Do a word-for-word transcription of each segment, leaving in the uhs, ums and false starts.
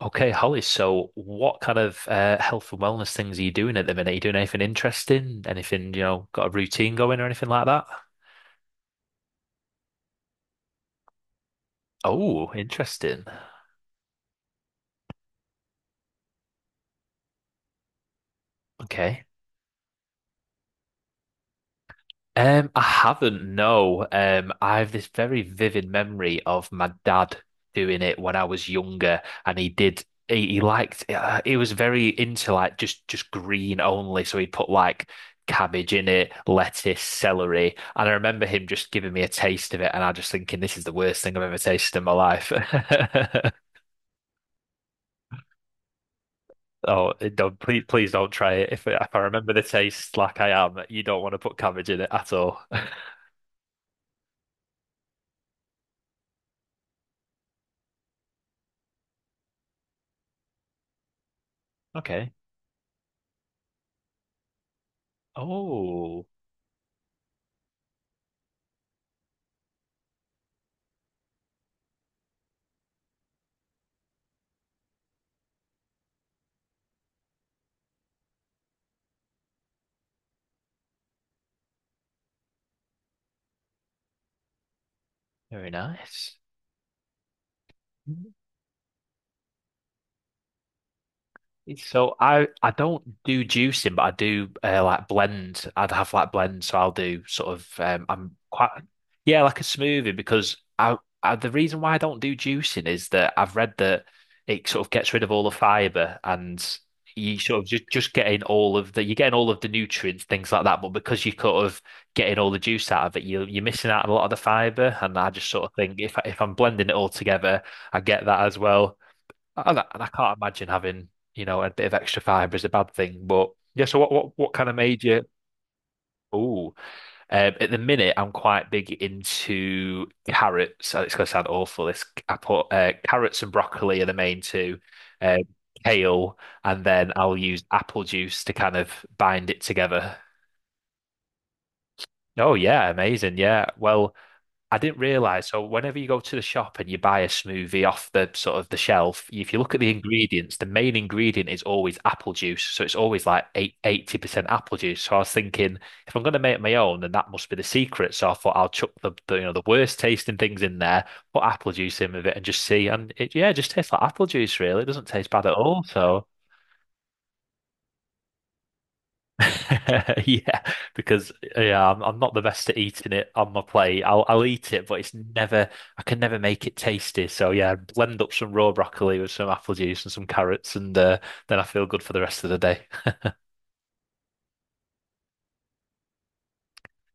Okay, Holly, so what kind of uh, health and wellness things are you doing at the minute? Are you doing anything interesting? Anything, you know, got a routine going or anything like that? Oh, interesting. Um, I haven't, no. Um, I have this very vivid memory of my dad doing it when I was younger, and he did. He, he liked. Uh, he was very into like just just green only, so he'd put like cabbage in it, lettuce, celery, and I remember him just giving me a taste of it, and I just thinking this is the worst thing I've ever tasted in my life. Oh, don't, please please don't try it. If if I remember the taste like I am, you don't want to put cabbage in it at all. Okay. Oh. Very nice. Mm. So I I don't do juicing, but I do uh, like blends. I'd have like blends, so I'll do sort of, um, I'm quite yeah, like a smoothie, because I, I the reason why I don't do juicing is that I've read that it sort of gets rid of all the fiber, and you sort of just just getting all of the you're getting all of the nutrients, things like that. But because you're sort of getting all the juice out of it, you you're missing out on a lot of the fiber. And I just sort of think, if I, if I'm blending it all together, I get that as well. And I, and I can't imagine having you know, a bit of extra fibre is a bad thing. But yeah, so what what what kind of made you? Oh, um, at the minute I'm quite big into carrots, and it's going to sound awful. This I put, uh, carrots and broccoli are the main two, uh, kale, and then I'll use apple juice to kind of bind it together. Oh yeah, amazing. Yeah. Well, I didn't realize. So whenever you go to the shop and you buy a smoothie off the sort of the shelf, if you look at the ingredients, the main ingredient is always apple juice. So it's always like eight, eighty percent apple juice. So I was thinking, if I'm going to make my own, then that must be the secret. So I thought I'll chuck the, the you know the worst tasting things in there, put apple juice in with it, and just see. And it, yeah, it just tastes like apple juice, really. It doesn't taste bad at all. So. Yeah, because yeah, I'm, I'm not the best at eating it on my plate. I'll I'll eat it, but it's never I can never make it tasty. So yeah, blend up some raw broccoli with some apple juice and some carrots, and uh, then I feel good for the rest of the day.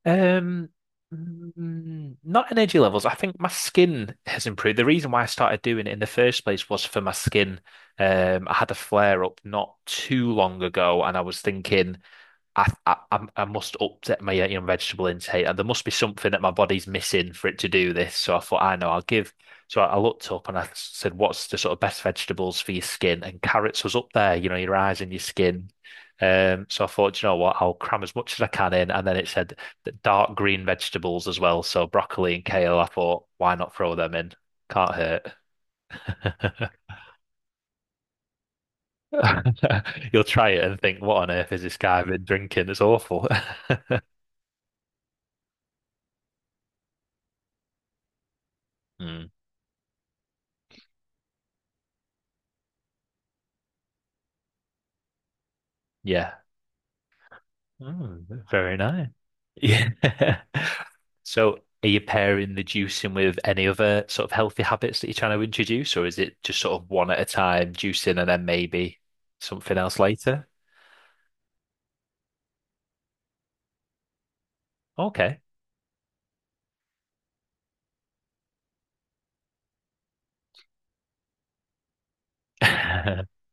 Um, mm, not energy levels. I think my skin has improved. The reason why I started doing it in the first place was for my skin. Um, I had a flare up not too long ago, and I was thinking, I, I I'm- I must update my uh, you know, vegetable intake, and there must be something that my body's missing for it to do this. So I thought, I know, I'll give. So I I looked up and I said, "What's the sort of best vegetables for your skin?" And carrots was up there. You know, your eyes and your skin. Um, so I thought, "Do you know what? I'll cram as much as I can in," and then it said the dark green vegetables as well. So broccoli and kale, I thought, why not throw them in? Can't hurt. You'll try it and think, what on earth is this guy been drinking? It's awful. Mm, yeah. Mm, very nice. Yeah. So are you pairing the juicing with any other sort of healthy habits that you're trying to introduce, or is it just sort of one at a time, juicing and then maybe something else later? Okay. Hmm.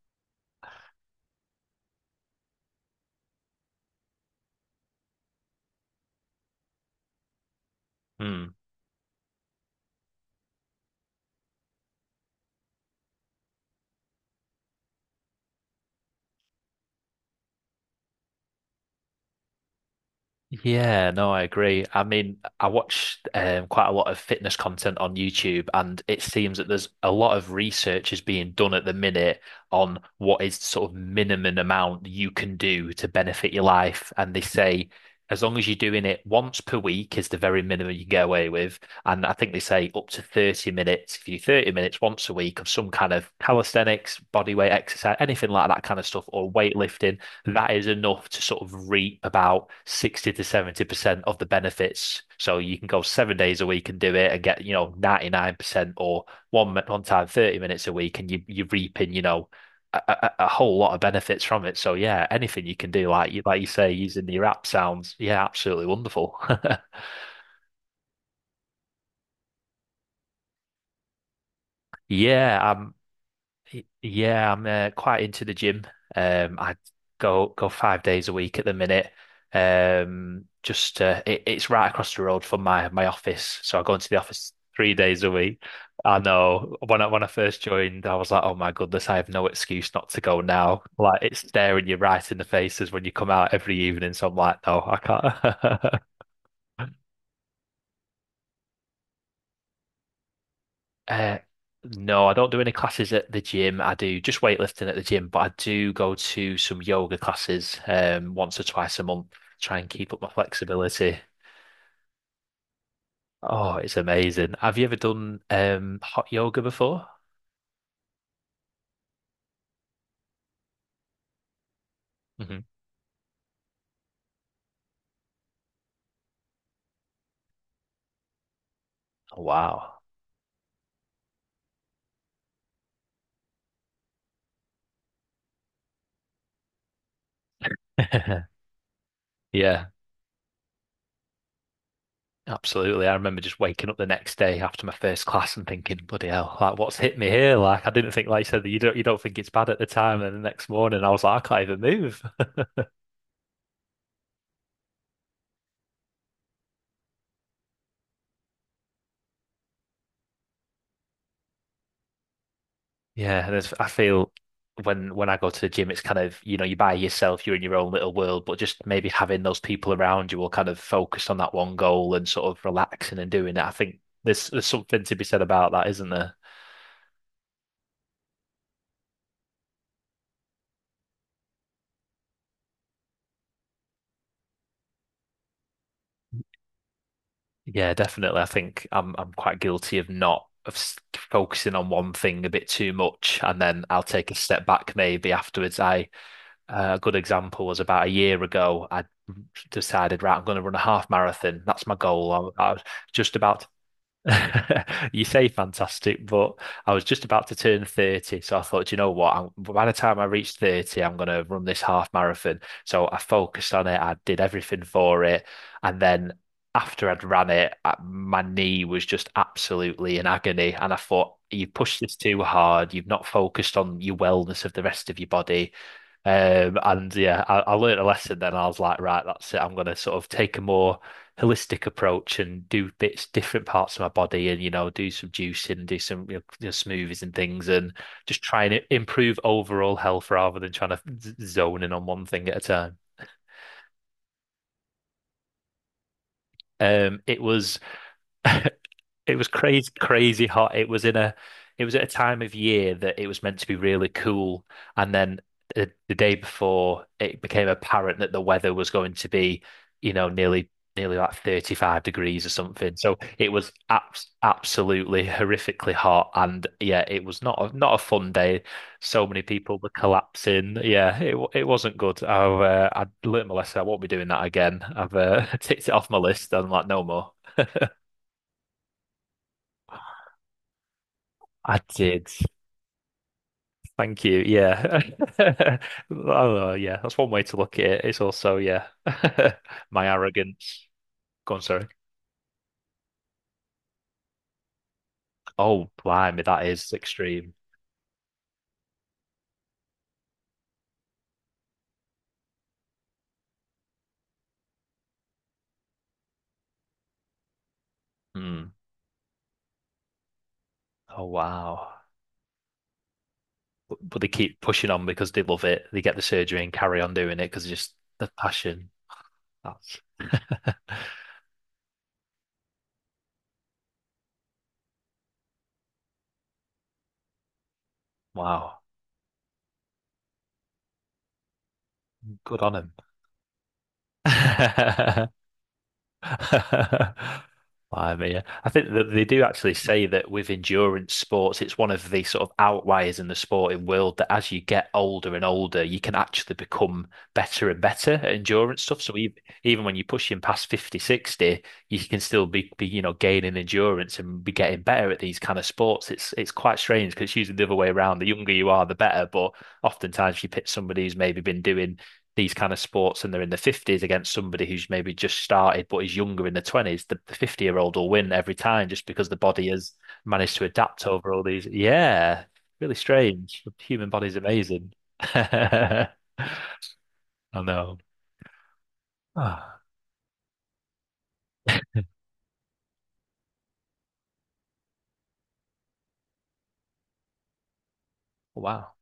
Yeah, no, I agree. I mean, I watch um, quite a lot of fitness content on YouTube, and it seems that there's a lot of research is being done at the minute on what is sort of minimum amount you can do to benefit your life. And they say as long as you're doing it once per week is the very minimum you can get away with. And I think they say up to thirty minutes, if you do thirty minutes once a week of some kind of calisthenics, body weight exercise, anything like that kind of stuff, or weightlifting, that is enough to sort of reap about sixty to seventy percent of the benefits. So you can go seven days a week and do it and get, you know, ninety-nine percent, or one, one time thirty minutes a week, and you, you're reaping, you know, a, a, a whole lot of benefits from it. So yeah, anything you can do, like you, like you say, using your app sounds, yeah, absolutely wonderful. Yeah, I'm Y- Yeah, I'm uh, quite into the gym. Um, I go go five days a week at the minute. Um, just, uh, it, it's right across the road from my my office, so I go into the office three days a week. I know when I when I first joined, I was like, oh my goodness, I have no excuse not to go now. Like it's staring you right in the faces when you come out every evening. So I'm like, no, I can't. Uh, no, I don't do any classes at the gym. I do just weightlifting at the gym, but I do go to some yoga classes um once or twice a month, try and keep up my flexibility. Oh, it's amazing. Have you ever done um hot yoga before? Hmm. Oh, wow. Yeah, absolutely. I remember just waking up the next day after my first class and thinking, bloody hell, like what's hit me here? Like I didn't think, like you said, that you don't you don't think it's bad at the time, and the next morning I was like, I can't even move. Yeah, there's, I feel when when I go to the gym, it's kind of, you know, you're by yourself, you're in your own little world, but just maybe having those people around you will kind of focus on that one goal and sort of relaxing and doing it. I think there's there's something to be said about that, isn't there? Yeah, definitely. I think I'm I'm quite guilty of, not of s- focusing on one thing a bit too much, and then I'll take a step back maybe afterwards. I uh, a good example was about a year ago. I decided, right, I'm going to run a half marathon. That's my goal. I, I was just about. You say fantastic, but I was just about to turn thirty, so I thought, "Do you know what? I'm, by the time I reach thirty, I'm going to run this half marathon." So I focused on it, I did everything for it. And then after I'd ran it, I- my knee was just absolutely in agony. And I thought, you pushed this too hard, you've not focused on your wellness of the rest of your body. Um, and yeah, I, I learned a lesson then. I was like, right, that's it. I'm going to sort of take a more holistic approach and do bits, different parts of my body and, you know, do some juicing and do some, you know, you know, smoothies and things, and just try and improve overall health rather than trying to z- zone in on one thing at a time. Um, it was It was crazy, crazy hot. It was in a, it was at a time of year that it was meant to be really cool, and then the, the day before, it became apparent that the weather was going to be, you know, nearly, nearly like thirty-five degrees or something. So it was abs absolutely horrifically hot, and yeah, it was not a, not a fun day. So many people were collapsing. Yeah, it wa- it wasn't good. I uh, I learned my lesson. I won't be doing that again. I've uh, ticked it off my list. I'm like, no more. I did. Thank you. Yeah. Oh, yeah, that's one way to look at it. It's also, yeah, my arrogance. Go on, sorry. Oh, blimey, that is extreme. Hmm. Oh, wow. But, but they keep pushing on because they love it. They get the surgery and carry on doing it because just the passion. That's Wow. Good on them. I mean, I think that they do actually say that with endurance sports, it's one of the sort of outliers in the sporting world that as you get older and older, you can actually become better and better at endurance stuff. So even, even when you're pushing past fifty, sixty, you can still be, be, you know, gaining endurance and be getting better at these kind of sports. It's it's quite strange because it's usually the other way around. The younger you are, the better. But oftentimes you pick somebody who's maybe been doing these kind of sports and they're in the fifties, against somebody who's maybe just started but is younger, in the twenties. The fifty year old will win every time, just because the body has managed to adapt over all these. Yeah. Really strange. The human body's amazing. I know. Ah, wow.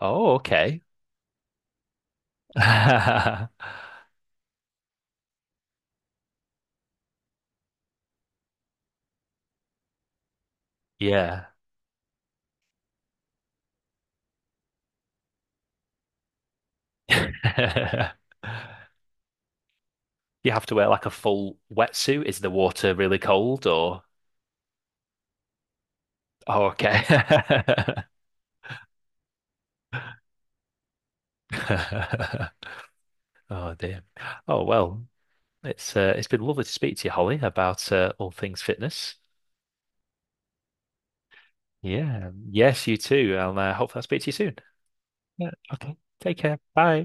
Oh, okay. Yeah. You have to wear like a full wetsuit? Is the water really cold, or? Oh, okay. Oh dear. Oh well, it's uh, it's been lovely to speak to you, Holly, about uh, all things fitness. Yeah. Yes, you too. And uh, hopefully I'll speak to you soon. Yeah. Okay. Take care. Bye.